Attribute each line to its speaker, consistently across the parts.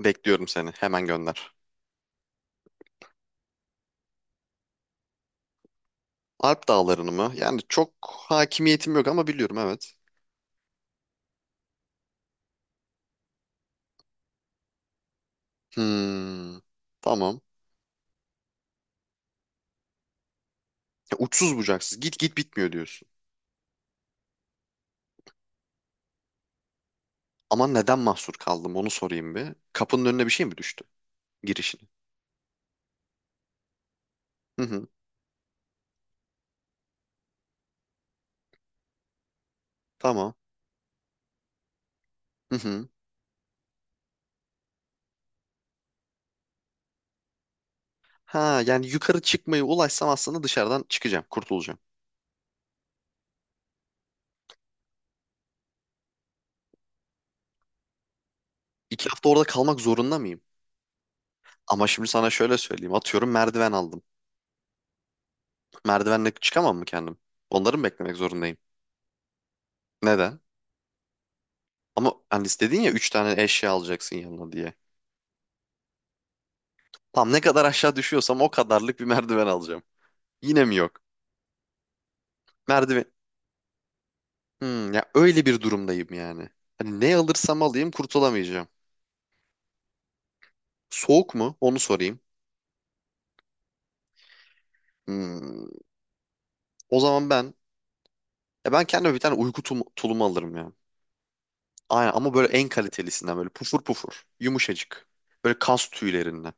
Speaker 1: Bekliyorum seni. Hemen gönder. Alp dağlarını mı? Yani çok hakimiyetim yok ama biliyorum evet. Hmm, tamam. Ya uçsuz bucaksız. Git git bitmiyor diyorsun. Ama neden mahsur kaldım onu sorayım bir. Kapının önüne bir şey mi düştü? Girişini. Hı hı. Tamam. Hı hı. Ha yani yukarı çıkmayı ulaşsam aslında dışarıdan çıkacağım. Kurtulacağım. 2 hafta orada kalmak zorunda mıyım? Ama şimdi sana şöyle söyleyeyim. Atıyorum merdiven aldım. Merdivenle çıkamam mı kendim? Onları mı beklemek zorundayım? Neden? Ama hani dedin ya 3 tane eşya alacaksın yanına diye. Tam ne kadar aşağı düşüyorsam o kadarlık bir merdiven alacağım. Yine mi yok? Merdiven. Ya öyle bir durumdayım yani. Hani ne alırsam alayım kurtulamayacağım. Soğuk mu? Onu sorayım. Hmm, o zaman ben ya ben kendime bir tane uyku tulumu alırım ya. Aynen ama böyle en kalitelisinden böyle pufur pufur, yumuşacık. Böyle kas tüylerinden.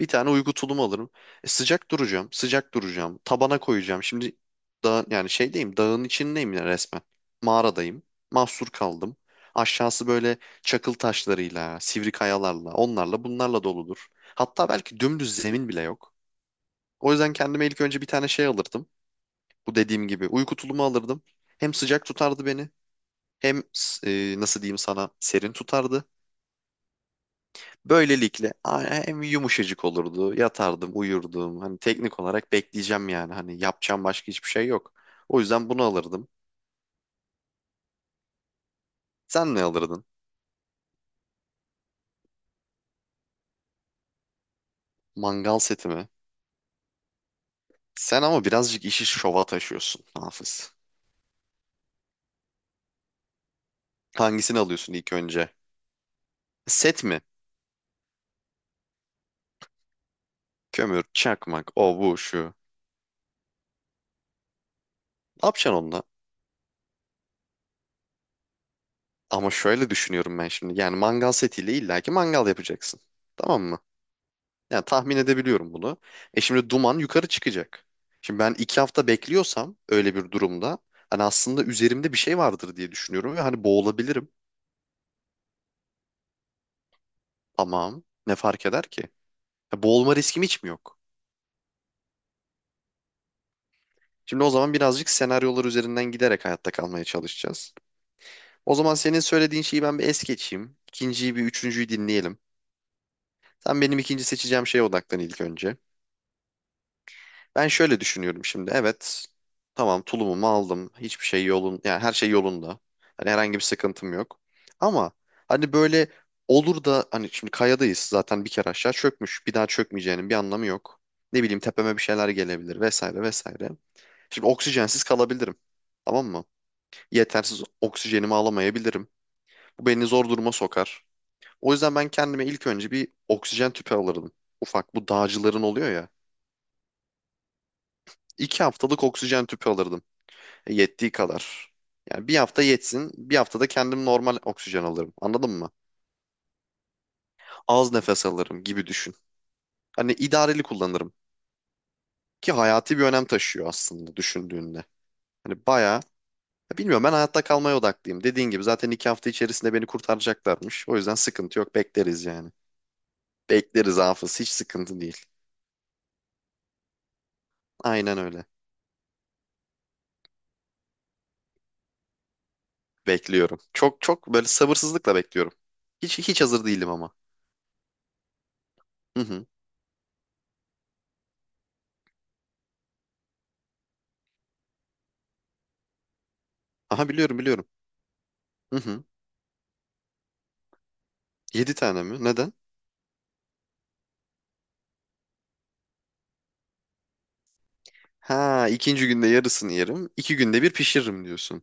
Speaker 1: Bir tane uygu tulumu alırım. E, sıcak duracağım, sıcak duracağım. Tabana koyacağım. Şimdi dağ, yani şeydeyim, dağın içindeyim ya resmen. Mağaradayım. Mahsur kaldım. Aşağısı böyle çakıl taşlarıyla, sivri kayalarla, onlarla bunlarla doludur. Hatta belki dümdüz zemin bile yok. O yüzden kendime ilk önce bir tane şey alırdım. Bu dediğim gibi uyku tulumu alırdım. Hem sıcak tutardı beni, hem nasıl diyeyim sana serin tutardı. Böylelikle hem yumuşacık olurdu. Yatardım, uyurdum. Hani teknik olarak bekleyeceğim yani. Hani yapacağım başka hiçbir şey yok. O yüzden bunu alırdım. Sen ne alırdın? Mangal seti mi? Sen ama birazcık işi şova taşıyorsun Hafız. Hangisini alıyorsun ilk önce? Set mi? Kömür, çakmak, o bu şu. Ne yapacaksın onunla? Ama şöyle düşünüyorum ben şimdi. Yani mangal setiyle illaki mangal yapacaksın. Tamam mı? Yani tahmin edebiliyorum bunu. E şimdi duman yukarı çıkacak. Şimdi ben 2 hafta bekliyorsam öyle bir durumda hani aslında üzerimde bir şey vardır diye düşünüyorum ve hani boğulabilirim. Tamam. Ne fark eder ki? Ya boğulma riskim hiç mi yok? Şimdi o zaman birazcık senaryolar üzerinden giderek hayatta kalmaya çalışacağız. O zaman senin söylediğin şeyi ben bir es geçeyim. İkinciyi bir üçüncüyü dinleyelim. Sen benim ikinci seçeceğim şeye odaklan ilk önce. Ben şöyle düşünüyorum şimdi. Evet. Tamam tulumumu aldım. Hiçbir şey yolun yani her şey yolunda. Hani herhangi bir sıkıntım yok. Ama hani böyle olur da hani şimdi kayadayız zaten bir kere aşağı çökmüş. Bir daha çökmeyeceğinin bir anlamı yok. Ne bileyim tepeme bir şeyler gelebilir vesaire vesaire. Şimdi oksijensiz kalabilirim. Tamam mı? Yetersiz oksijenimi alamayabilirim. Bu beni zor duruma sokar. O yüzden ben kendime ilk önce bir oksijen tüpü alırdım. Ufak bu dağcıların oluyor ya. 2 haftalık oksijen tüpü alırdım. Yettiği kadar. Yani bir hafta yetsin, bir haftada kendim normal oksijen alırım. Anladın mı? Az nefes alırım gibi düşün. Hani idareli kullanırım. Ki hayati bir önem taşıyor aslında düşündüğünde. Hani bayağı, ya bilmiyorum ben hayatta kalmaya odaklıyım. Dediğin gibi zaten 2 hafta içerisinde beni kurtaracaklarmış. O yüzden sıkıntı yok, bekleriz yani. Bekleriz Hafız, hiç sıkıntı değil. Aynen öyle. Bekliyorum. Çok çok böyle sabırsızlıkla bekliyorum. Hiç hiç hazır değilim ama. Hı hı. Aha biliyorum biliyorum. Hı hı. 7 tane mi? Neden? Ha, ikinci günde yarısını yerim. İki günde bir pişiririm diyorsun.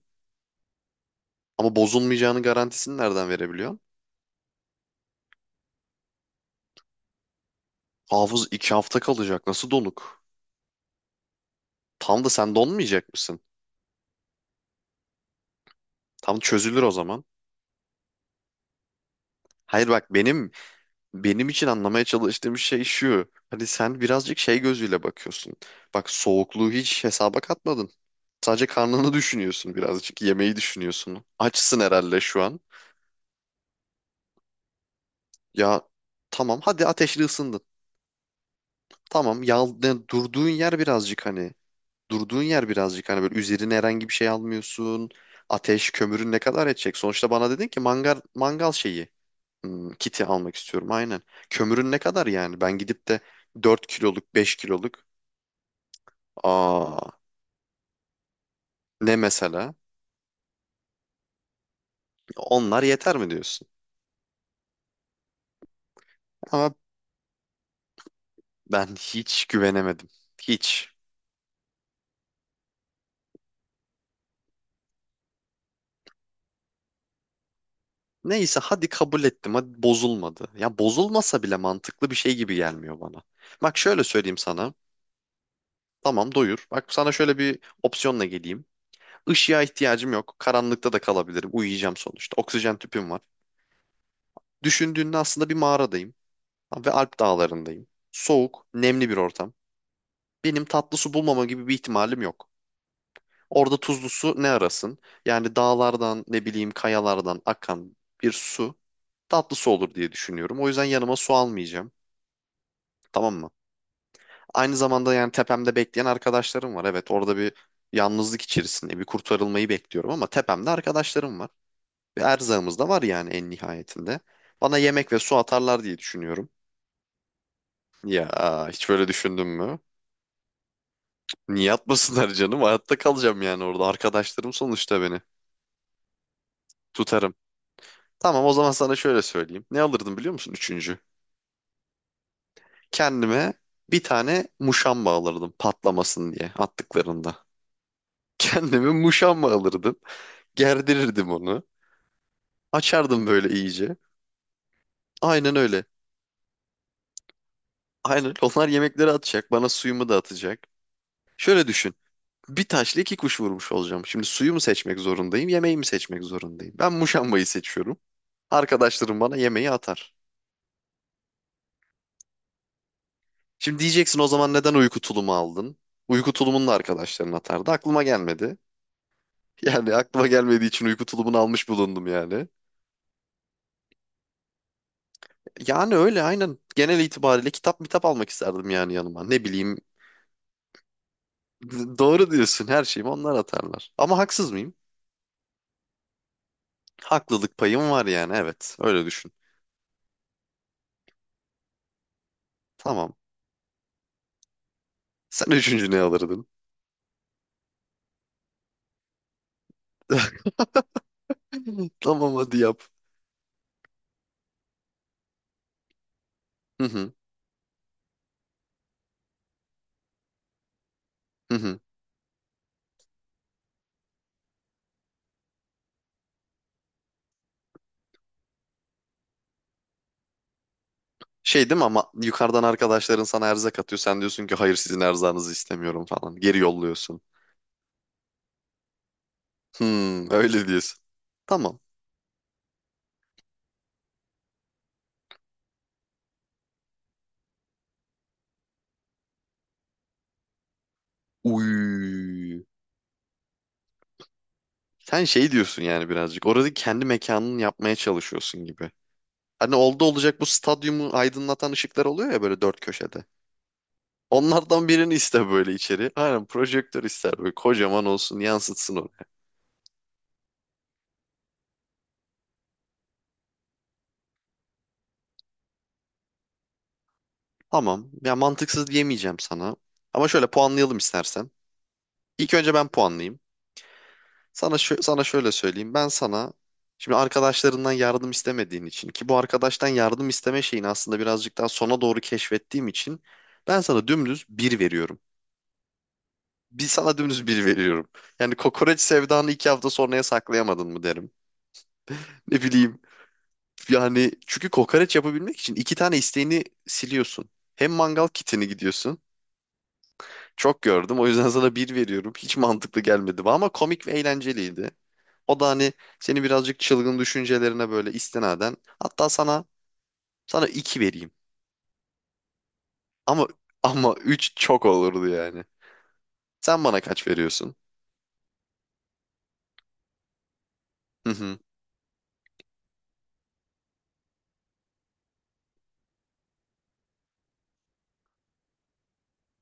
Speaker 1: Ama bozulmayacağını garantisini nereden verebiliyorsun? Hafız 2 hafta kalacak. Nasıl donuk? Tam da sen donmayacak mısın? Tam çözülür o zaman. Hayır bak benim için anlamaya çalıştığım şey şu. Hani sen birazcık şey gözüyle bakıyorsun. Bak soğukluğu hiç hesaba katmadın. Sadece karnını düşünüyorsun birazcık. Yemeği düşünüyorsun. Açsın herhalde şu an. Ya tamam hadi ateşli ısındın. Tamam yal, durduğun yer birazcık hani. Durduğun yer birazcık hani böyle üzerine herhangi bir şey almıyorsun. Ateş, kömürün ne kadar edecek? Sonuçta bana dedin ki mangal mangal şeyi, kiti almak istiyorum aynen. Kömürün ne kadar yani? Ben gidip de 4 kiloluk, 5 kiloluk aa ne mesela? Onlar yeter mi diyorsun? Ama ben hiç güvenemedim. Hiç. Neyse hadi kabul ettim. Hadi bozulmadı. Ya bozulmasa bile mantıklı bir şey gibi gelmiyor bana. Bak şöyle söyleyeyim sana. Tamam doyur. Bak sana şöyle bir opsiyonla geleyim. Işığa ihtiyacım yok. Karanlıkta da kalabilirim. Uyuyacağım sonuçta. Oksijen tüpüm var. Düşündüğünde aslında bir mağaradayım. Ve Alp dağlarındayım. Soğuk, nemli bir ortam. Benim tatlı su bulmama gibi bir ihtimalim yok. Orada tuzlu su ne arasın? Yani dağlardan, ne bileyim kayalardan akan bir su tatlı su olur diye düşünüyorum. O yüzden yanıma su almayacağım. Tamam mı? Aynı zamanda yani tepemde bekleyen arkadaşlarım var. Evet orada bir yalnızlık içerisinde bir kurtarılmayı bekliyorum ama tepemde arkadaşlarım var. Bir erzağımız da var yani en nihayetinde. Bana yemek ve su atarlar diye düşünüyorum. Ya hiç böyle düşündün mü? Niye atmasınlar canım? Hayatta kalacağım yani orada. Arkadaşlarım sonuçta beni. Tutarım. Tamam o zaman sana şöyle söyleyeyim. Ne alırdım biliyor musun üçüncü? Kendime bir tane muşamba alırdım patlamasın diye attıklarında. Kendime muşamba alırdım. Gerdirirdim onu. Açardım böyle iyice. Aynen öyle. Aynen öyle. Onlar yemekleri atacak. Bana suyumu da atacak. Şöyle düşün. Bir taşla iki kuş vurmuş olacağım. Şimdi suyu mu seçmek zorundayım, yemeği mi seçmek zorundayım? Ben muşambayı seçiyorum. Arkadaşlarım bana yemeği atar. Şimdi diyeceksin o zaman neden uyku tulumu aldın? Uyku tulumunu da arkadaşların atardı. Aklıma gelmedi. Yani aklıma gelmediği için uyku tulumunu almış bulundum yani. Yani öyle aynen. Genel itibariyle kitap mitap almak isterdim yani yanıma. Ne bileyim. Doğru diyorsun her şeyimi onlar atarlar. Ama haksız mıyım? Haklılık payım var yani evet. Öyle düşün. Tamam. Sen üçüncü ne alırdın? Tamam hadi yap. Hı hı. Hı hı. Şey değil mi ama yukarıdan arkadaşların sana erzak atıyor. Sen diyorsun ki hayır sizin erzağınızı istemiyorum falan. Geri yolluyorsun. Hmm, öyle diyorsun. Tamam. Uy. Sen şey diyorsun yani birazcık. Orada kendi mekanını yapmaya çalışıyorsun gibi. Hani oldu olacak bu stadyumu aydınlatan ışıklar oluyor ya böyle dört köşede. Onlardan birini iste böyle içeri. Aynen projektör ister böyle kocaman olsun yansıtsın onu. Tamam. Ya mantıksız diyemeyeceğim sana. Ama şöyle puanlayalım istersen. İlk önce ben puanlayayım. Sana şöyle söyleyeyim. Ben sana şimdi arkadaşlarından yardım istemediğin için ki bu arkadaştan yardım isteme şeyini aslında birazcık daha sona doğru keşfettiğim için ben sana dümdüz bir veriyorum. Bir sana dümdüz bir veriyorum. Yani kokoreç sevdanı 2 hafta sonraya saklayamadın mı derim. Ne bileyim yani çünkü kokoreç yapabilmek için iki tane isteğini siliyorsun. Hem mangal kitini gidiyorsun. Çok gördüm o yüzden sana bir veriyorum. Hiç mantıklı gelmedi bana ama komik ve eğlenceliydi. O da hani seni birazcık çılgın düşüncelerine böyle istinaden. Hatta sana 2 vereyim. Ama ama 3 çok olurdu yani. Sen bana kaç veriyorsun?